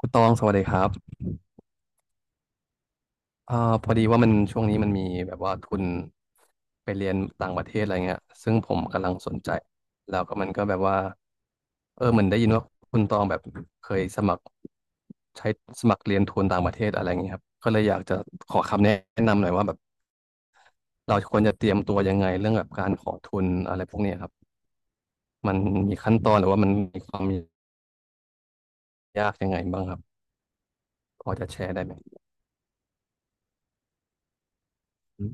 คุณตองสวัสดีครับอ่าพอดีว่ามันช่วงนี้มันมีแบบว่าทุนไปเรียนต่างประเทศอะไรเงี้ยซึ่งผมกำลังสนใจแล้วก็มันก็แบบว่า เออเหมือนได้ยินว่าคุณตองแบบเคยสมัครใช้สมัครเรียนทุนต่างประเทศอะไรเงี้ยครับ ก็เลยอยากจะขอคำแนะนำหน่อยว่าแบบเราควรจะเตรียมตัวยังไงเรื่องแบบการขอทุนอะไรพวกเนี้ยครับมันมีขั้นตอนหรือว่ามันมีความยากยังไงบ้างครับพอจะแชร์ได้ไหม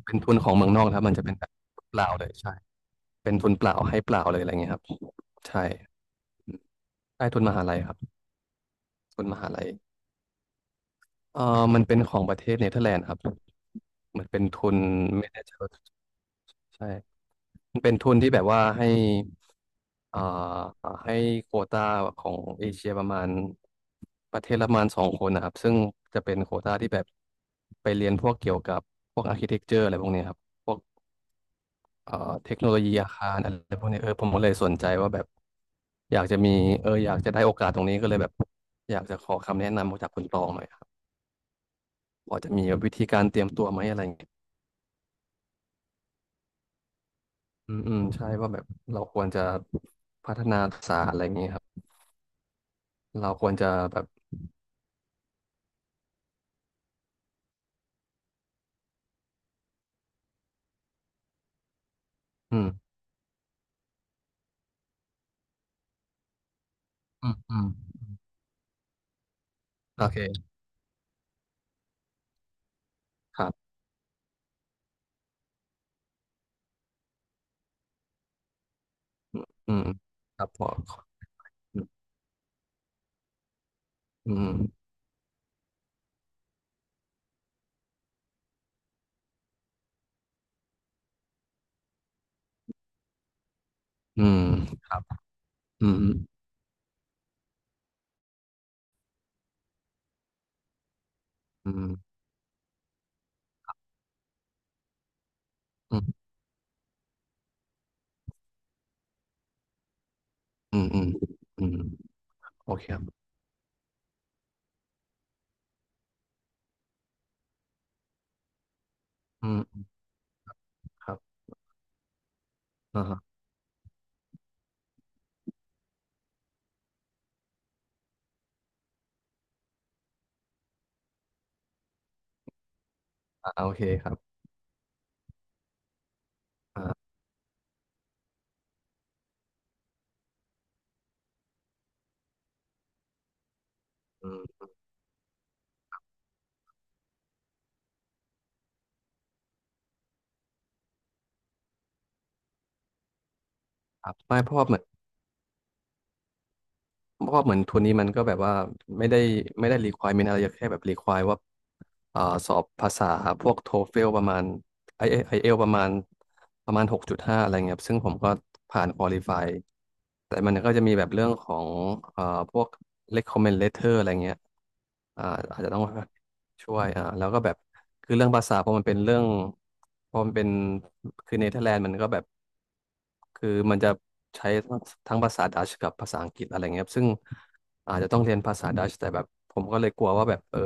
เป็นทุนของเมืองนอกนะครับมันจะเป็นแบบเปลาวเลยใช่ เป็นทุนเปล่าให้เปล่าเลยอะไรเงี้ยครับใช่ใช่ทุนมหาลัยครับทุนมหาลัยเอ่อมันเป็นของประเทศเนเธอร์แลนด์ครับเหมือนเป็นทุนไม่แน่ใจว่าใช่มันเป็นทุนที่แบบว่าให้เอ่อให้โควตาของเอเชียประเทศละประมาณสองคนนะครับซึ่งจะเป็นโควตาที่แบบไปเรียนพวกเกี่ยวกับพวกอาร์คิเทคเจอร์อะไรพวกเนี้ยครับ เอ่อเทคโนโลยีอาคารอะไรพวกนี้เออผมก็เลยสนใจว่าแบบอยากจะมีอยากจะได้โอกาสตรงนี้ก็เลยแบบอยากจะขอคำแนะนำจากคุณตองหน่อยครับพอจะมีวิธีการเตรียมตัวไหมอะไรอย่างเงี้ยอืมอืมใช่ว่าแบบเราควรจะพัฒนาทักษะอะไรอย่างเงี้ยครับ เราควรจะแบบอืมอืมอืมโอเคครับอืมครับพออืมอืมอืมครับอืมอืมอืมอืมอืมอืมโอเคครับอืมครับอ่าฮะอ่าโอเคครับอ่า อืมครับไม่เพราะว่าเหมือนทุนนี้มันก็แบบว่าไม่ได้ไม่ได้ requirement อะไรแค่แบบ require ว่าสอบภาษาพวกโทเฟลประมาณไออเอลประมาณ6.5อะไรเงี้ยครับซึ่งผมก็ผ่าน qualify แต่มันก็จะมีแบบเรื่องของอ่าพวก recommend letter อะไรเงี้ยอ่าอาจจะต้อง ช่วยแล้วก็แบบคือเรื่องภาษาพอมันเป็นคือเนเธอร์แลนด์มันก็แบบคือมันจะใช้ทั้งภาษาดัชกับภาษาอังกฤษอะไรเงี้ยครับซึ่งอาจจะต้องเรียนภาษาดัชแต่แบบผมก็เลยกลัวว่าแบบเออ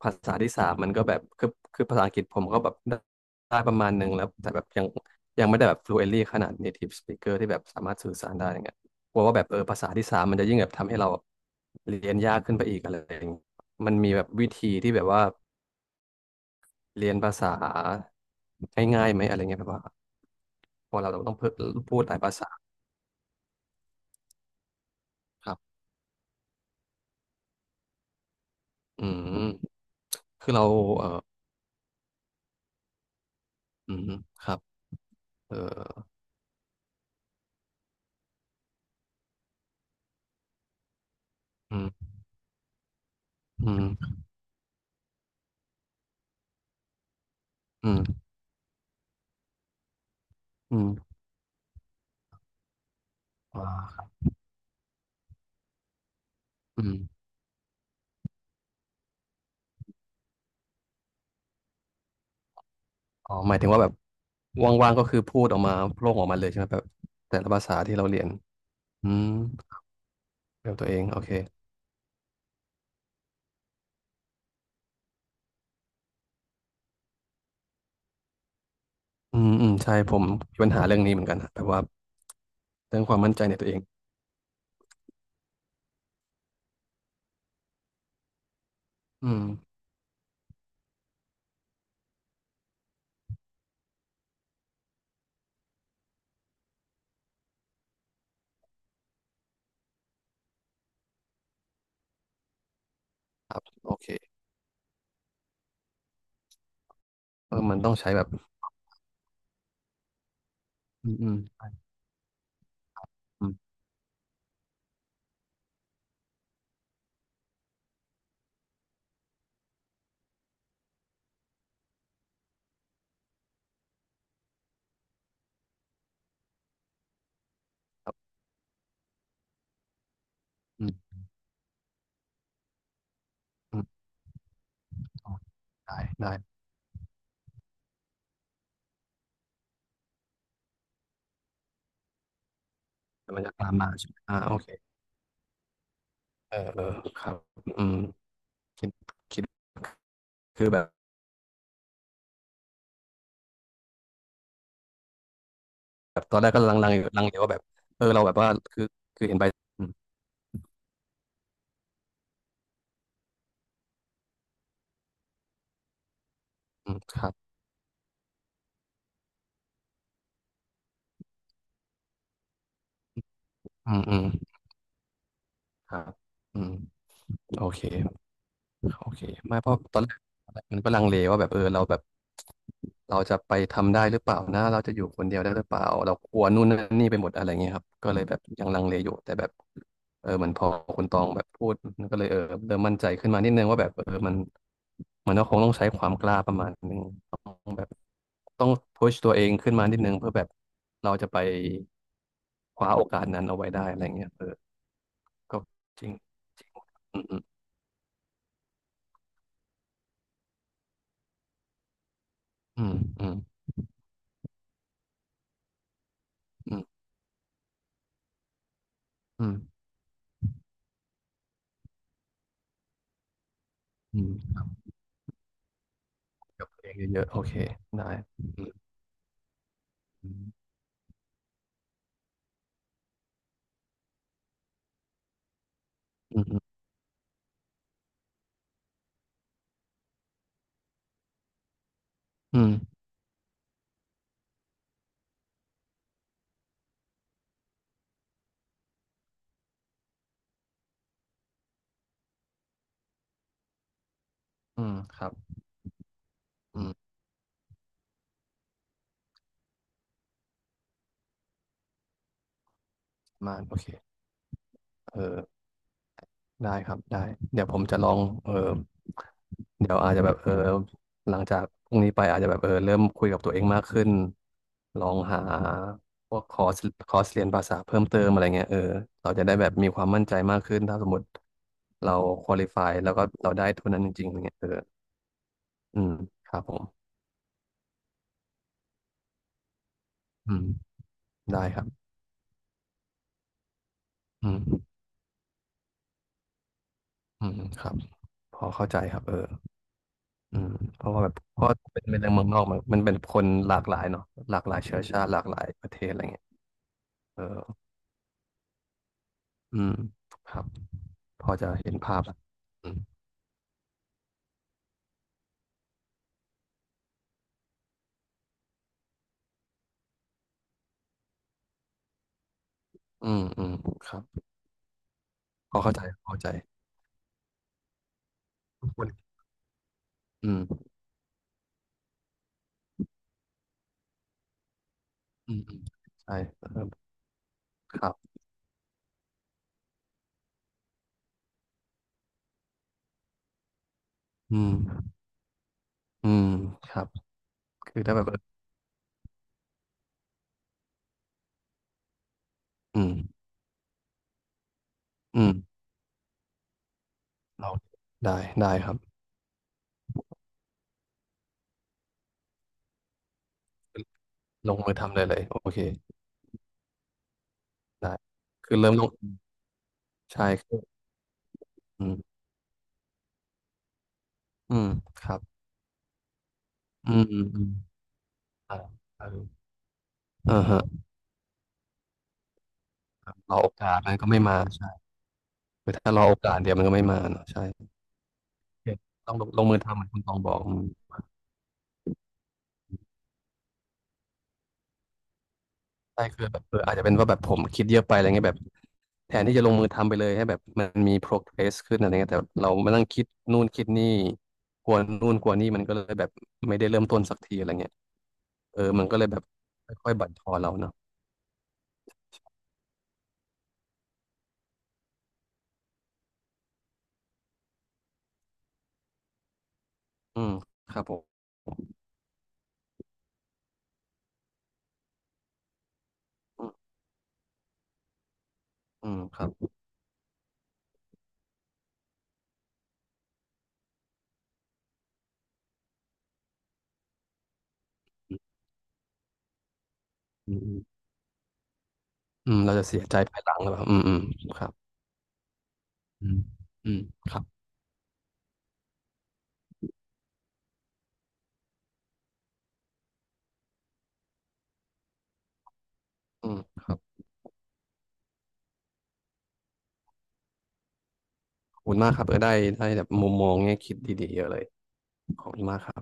ภาษาที่สามมันก็แบบคือภาษาอังกฤษผมก็แบบได้ประมาณหนึ่งแล้วแต่แบบยังไม่ได้แบบ fluently ขนาด native speaker ที่แบบสามารถสื่อสารได้อย่างเงี้ยกลัวว่าแบบเออภาษาที่สามมันจะยิ่งแบบทำให้เราแบบเรียนยากขึ้นไปอีกอะไรอย่างเงี้ยมันมีแบบวิธีที่แบบว่าเรียนภาษาง่ายๆไหมอะไรเงี้ยแบบว่าพอเราต้องเพูดพูดหลายภาษาครับอืมคือเราเอออืมครับเอออืมอืมอืมอืมอ่าอืม อ๋อหมายถึงว่าแบบว่างๆก็คือพูดออกมาโพร่งออกมาเลยใช่ไหมแบบแต่ละภาษาที่เราเรียนอืมเกี่ยวกับตัวเองโอเคอืมอืมใช่ผมมีปัญหาเรื่องนี้เหมือนกันนะแบบว่าเรื่องความมั่นใจในตัวเองอืมครับโอเคเออมันต้องใช้แบบอืมอืมอืมครับอืมอืมอ๋อได้ได้แต่มันจะตามมาใช่ไหมอ่าโอเคเออเออครับอืมคิดคิดคือแบบตอนแรกก็ลังๆอยู่ลังเลว่าแบบเออเราแบบว่าคือเห็นใบอืมอืมครับอืมอืมครับอืมโอเค โอเคไม่เพราะตอนแรกมันก็ลังเลว่าแบบเออเราแบบเราจะไปทำได้หรือเปล่านะเราจะอยู่คนเดียวได้หรือเปล่าเรากลัวนู่นนั่นนี่ไปหมดอะไรเงี้ยครับก็เลยแบบยังลังเลอยู่แต่แบบเออเหมือนพอคุณตองแบบพูดมันก็เลยเออเริ่มมั่นใจขึ้นมานิดนึงว่าแบบเออมันมันก็คงต้องใช้ความกล้าประมาณนึงต้องแบบต้องพุชตัวเองขึ้นมานิดนึงเพื่อแบบเราจะไปคว้าโอกาสนั้นเอาไว้ได้อะไรเงี้ยเออก็จริงจริงอืมอืมอืมอืมอืม อืมกับเพลงเยอะๆโอเคได้อืมอืมอืมอืมอืมครับอืมมาโอเคเออได้ครับได้เดี๋ยวผมจะลองเออเดี๋ยวอาจจะแบบเออหลังจากพรุ่งนี้ไปอาจจะแบบเออเริ่มคุยกับตัวเองมากขึ้น ลองหาพวกคอร์สเรียนภาษาเพิ่มเติมอะไรเงี้ยเออเราจะได้แบบมีความมั่นใจมากขึ้น ถ้าสมมติเราควอลิฟายแล้วก็เราได้ทุนนั้นจริงๆอะไรเงี้ยเอออืมครับผมอืมได้ครับอืม อืมครับพอเข้าใจครับเอออืมเพราะว่าแบบเพราะเป็นเรื่องเมืองนอกมันมันเป็นคนหลากหลายเนาะหลากหลายเชื้อชาติหลากหลายประเทศอะไรเงี้ยเอออืมครับพอจะเห็นภาพละอืมอืมอืมครับพอเข้าใจพอเข้าใจทุกคนอืมอืมอืมใช่เออครับอืมอืมครับคือถ้าแบบเอออืมอืมเราได้ครับลงมือทำเลยเลยโอเคได้คือเริ่มลงใช่คืออืมอืมครับอืมอืม เอ่าเอออ่าฮะรอโอกาสมันก็ไม่มาใช่คือถ้ารอโอกาสเดี๋ยวมันก็ไม่มาเนอะใช่โอเคต้องลงมือทำเหมือนคุณตองบอกอืมใช่คือแบบเอออาจจะเป็นว่าแบบผมคิดเยอะไปอะไรเงี้ยแบบแทนที่จะลงมือทำไปเลยให้แบบมันมี progress ขึ้นอะไรเงี้ยแต่เรามานั่งคิดนู่นคิดนี่กลัวนู่นกลัวนี่มันก็เลยแบบไม่ได้เริ่มต้นสักทีอะไรเงี้ยเออมันก็เลยแบบค่อยๆบั่นทอนเราเนาะอืมครับผมอืมอืมครับอืมอืมอืมเราจะเสียใจภายหลังหรือเปล่าอืมอืมครับอืมอืมครับ อืมครับขอบคุณมากครับเออได้ได้แบบมุมมองแง่คิดดีๆเยอะเลยขอบคุณมากครับ